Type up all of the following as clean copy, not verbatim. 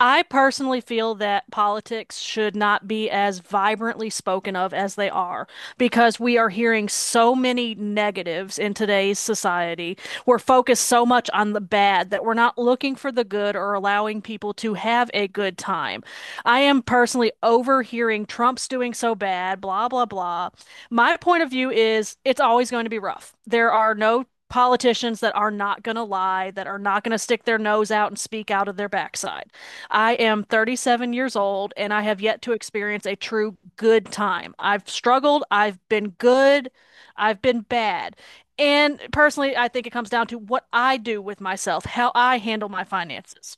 I personally feel that politics should not be as vibrantly spoken of as they are because we are hearing so many negatives in today's society. We're focused so much on the bad that we're not looking for the good or allowing people to have a good time. I am personally overhearing Trump's doing so bad, blah, blah, blah. My point of view is it's always going to be rough. There are no politicians that are not going to lie, that are not going to stick their nose out and speak out of their backside. I am 37 years old and I have yet to experience a true good time. I've struggled, I've been good, I've been bad. And personally, I think it comes down to what I do with myself, how I handle my finances.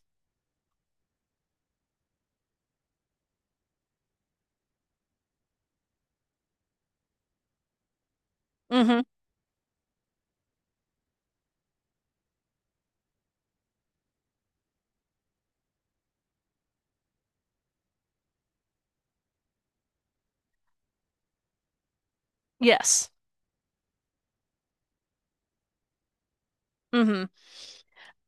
Hmm. Yes. Hmm.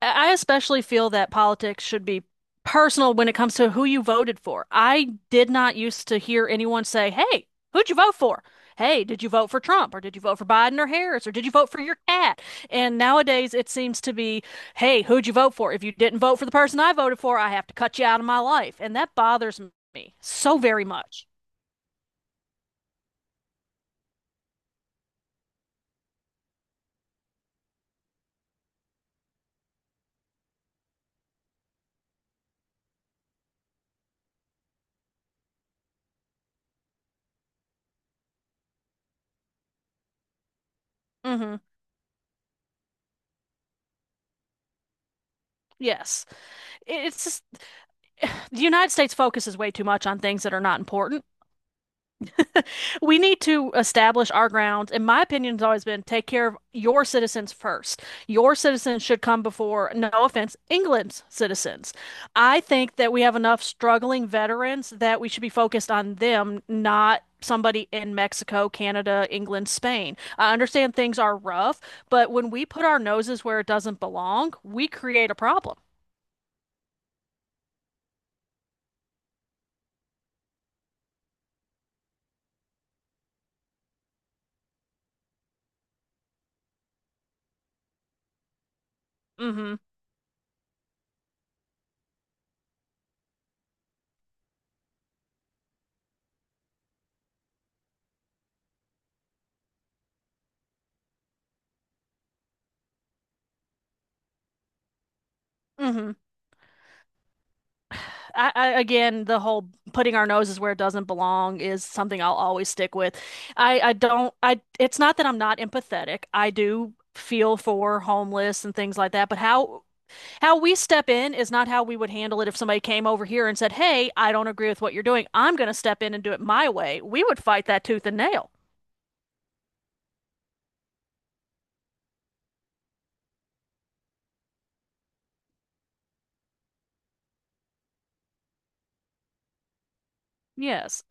I especially feel that politics should be personal when it comes to who you voted for. I did not used to hear anyone say, "Hey, who'd you vote for?" "Hey, did you vote for Trump or did you vote for Biden or Harris or did you vote for your cat?" And nowadays it seems to be, "Hey, who'd you vote for? If you didn't vote for the person I voted for, I have to cut you out of my life." And that bothers me so very much. Hmm. Yes. It's just the United States focuses way too much on things that are not important. We need to establish our grounds. And my opinion has always been take care of your citizens first. Your citizens should come before, no offense, England's citizens. I think that we have enough struggling veterans that we should be focused on them, not somebody in Mexico, Canada, England, Spain. I understand things are rough, but when we put our noses where it doesn't belong, we create a problem. Mm-hmm. Mm-hmm. Again, the whole putting our noses where it doesn't belong is something I'll always stick with. I don't, I, it's not that I'm not empathetic. I do feel for homeless and things like that, but how we step in is not how we would handle it if somebody came over here and said, "Hey, I don't agree with what you're doing. I'm going to step in and do it my way." We would fight that tooth and nail. Yes.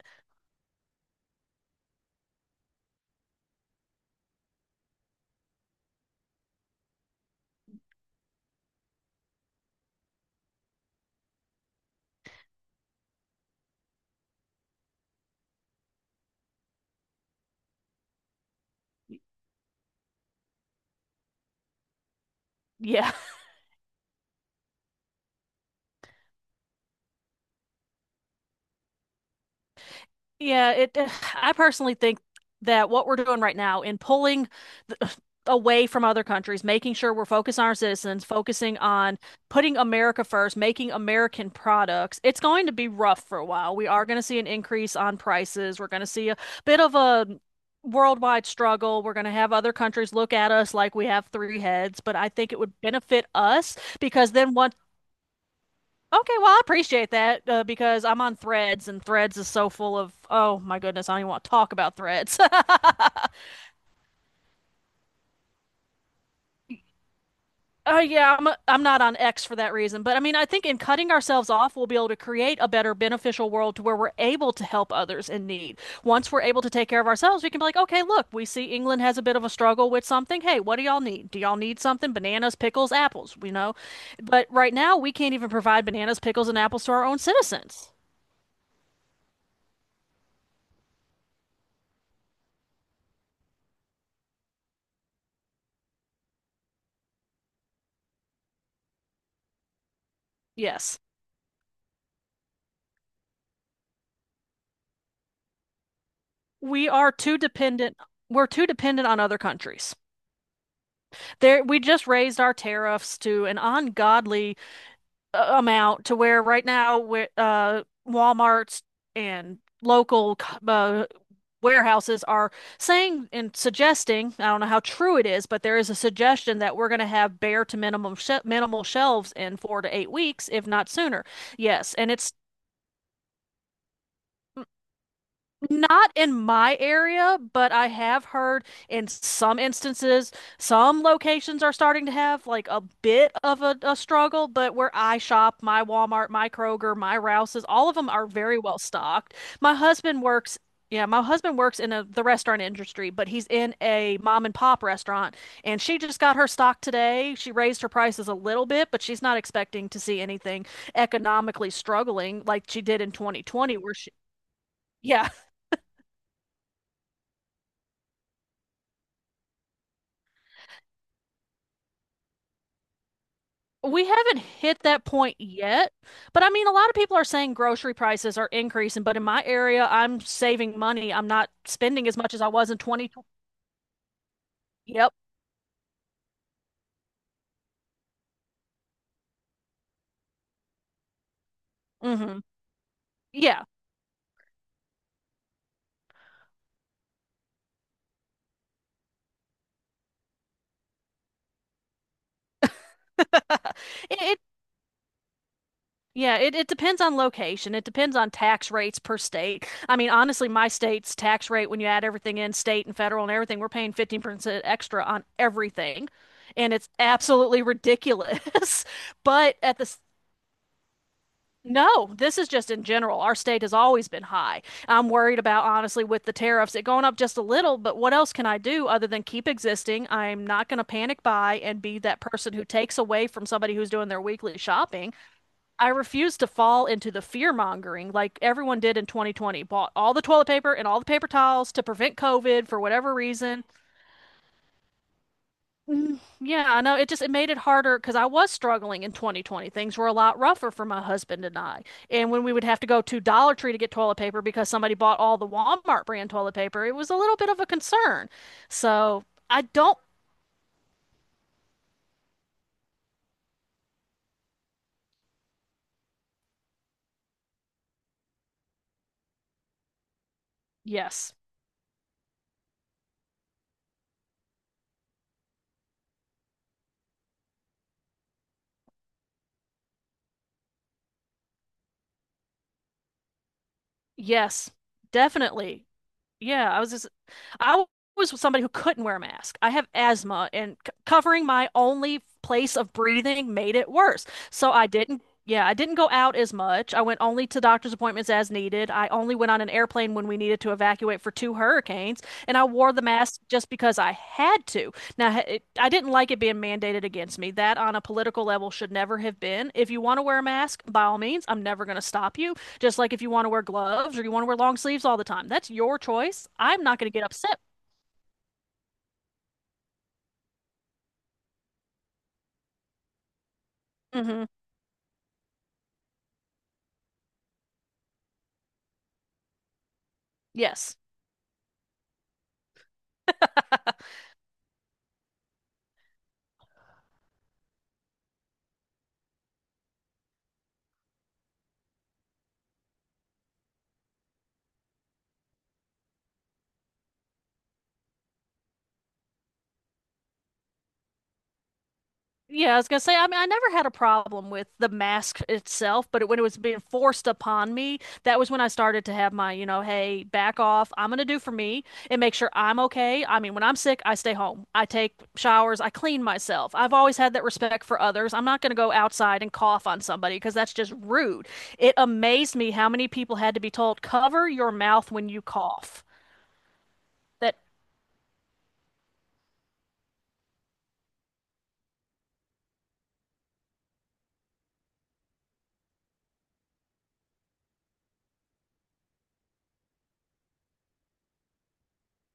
Yeah. Yeah, it. eh, I personally think that what we're doing right now in pulling the, uh, away from other countries, making sure we're focused on our citizens, focusing on putting America first, making American products, it's going to be rough for a while. We are going to see an increase on prices. We're going to see a bit of a worldwide struggle. We're going to have other countries look at us like we have three heads, but I think it would benefit us because then once… Okay, well, I appreciate that because I'm on Threads and Threads is so full of, oh my goodness, I don't even want to talk about Threads. Oh yeah, I'm not on X for that reason, but I mean, I think in cutting ourselves off, we'll be able to create a better beneficial world to where we're able to help others in need. Once we're able to take care of ourselves, we can be like, okay, look, we see England has a bit of a struggle with something. Hey, what do y'all need? Do y'all need something? Bananas, pickles, apples, you know? But right now, we can't even provide bananas, pickles, and apples to our own citizens. Yes. we are too dependent we're too dependent on other countries. There, we just raised our tariffs to an ungodly amount to where right now we Walmart's and local uh, warehouses are saying and suggesting, I don't know how true it is, but there is a suggestion that we're going to have bare to minimum sh minimal shelves in 4 to 8 weeks, if not sooner. Yes, and it's… Not in my area, but I have heard in some instances, some locations are starting to have like a bit of a struggle. But where I shop, my Walmart, my Kroger, my Rouse's, all of them are very well stocked. My husband works, yeah, my husband works in the restaurant industry, but he's in a mom and pop restaurant, and she just got her stock today. She raised her prices a little bit, but she's not expecting to see anything economically struggling like she did in 2020, yeah. We haven't hit that point yet, but I mean, a lot of people are saying grocery prices are increasing, but in my area, I'm saving money. I'm not spending as much as I was in 2020. Yep. Hmm. Yeah. It yeah, it depends on location. It depends on tax rates per state. I mean, honestly, my state's tax rate, when you add everything in, state and federal and everything, we're paying 15% extra on everything. And it's absolutely ridiculous. But at the s- No, this is just in general. Our state has always been high. I'm worried about, honestly, with the tariffs, it going up just a little, but what else can I do other than keep existing? I'm not going to panic buy and be that person who takes away from somebody who's doing their weekly shopping. I refuse to fall into the fear mongering like everyone did in 2020, bought all the toilet paper and all the paper towels to prevent COVID for whatever reason. Mm. Yeah, I know. It just it made it harder because I was struggling in 2020. Things were a lot rougher for my husband and I. And when we would have to go to Dollar Tree to get toilet paper because somebody bought all the Walmart brand toilet paper, it was a little bit of a concern. So I don't. Yes, yes, definitely. Yeah, I was just, I was somebody who couldn't wear a mask. I have asthma, and c covering my only place of breathing made it worse. So I didn't, yeah, I didn't go out as much. I went only to doctor's appointments as needed. I only went on an airplane when we needed to evacuate for two hurricanes, and I wore the mask just because I had to. Now, I didn't like it being mandated against me. That on a political level should never have been. If you want to wear a mask, by all means, I'm never going to stop you. Just like if you want to wear gloves or you want to wear long sleeves all the time, that's your choice. I'm not going to get upset. Hmm. Yes. Yeah, I was gonna say, I mean, I never had a problem with the mask itself, when it was being forced upon me, that was when I started to have my, you know, hey, back off. I'm gonna do for me and make sure I'm okay. I mean, when I'm sick, I stay home. I take showers, I clean myself. I've always had that respect for others. I'm not gonna go outside and cough on somebody because that's just rude. It amazed me how many people had to be told, cover your mouth when you cough. That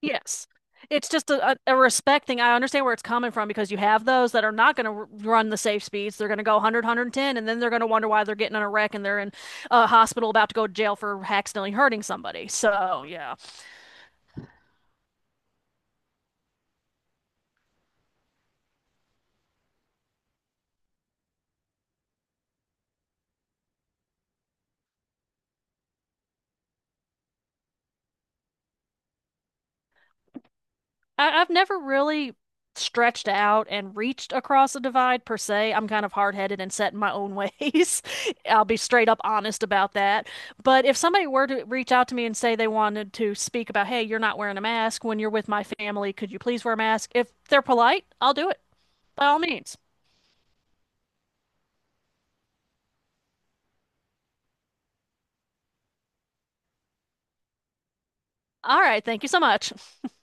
Yes. It's just a, a respect thing. I understand where it's coming from because you have those that are not going to r run the safe speeds. They're going to go 100, and then they're going to wonder why they're getting in a wreck and they're in a hospital about to go to jail for accidentally hurting somebody. So, yeah. I've never really stretched out and reached across a divide per se. I'm kind of hard-headed and set in my own ways. I'll be straight up honest about that. But if somebody were to reach out to me and say they wanted to speak about, hey, you're not wearing a mask when you're with my family, could you please wear a mask? If they're polite, I'll do it by all means. All right, thank you so much.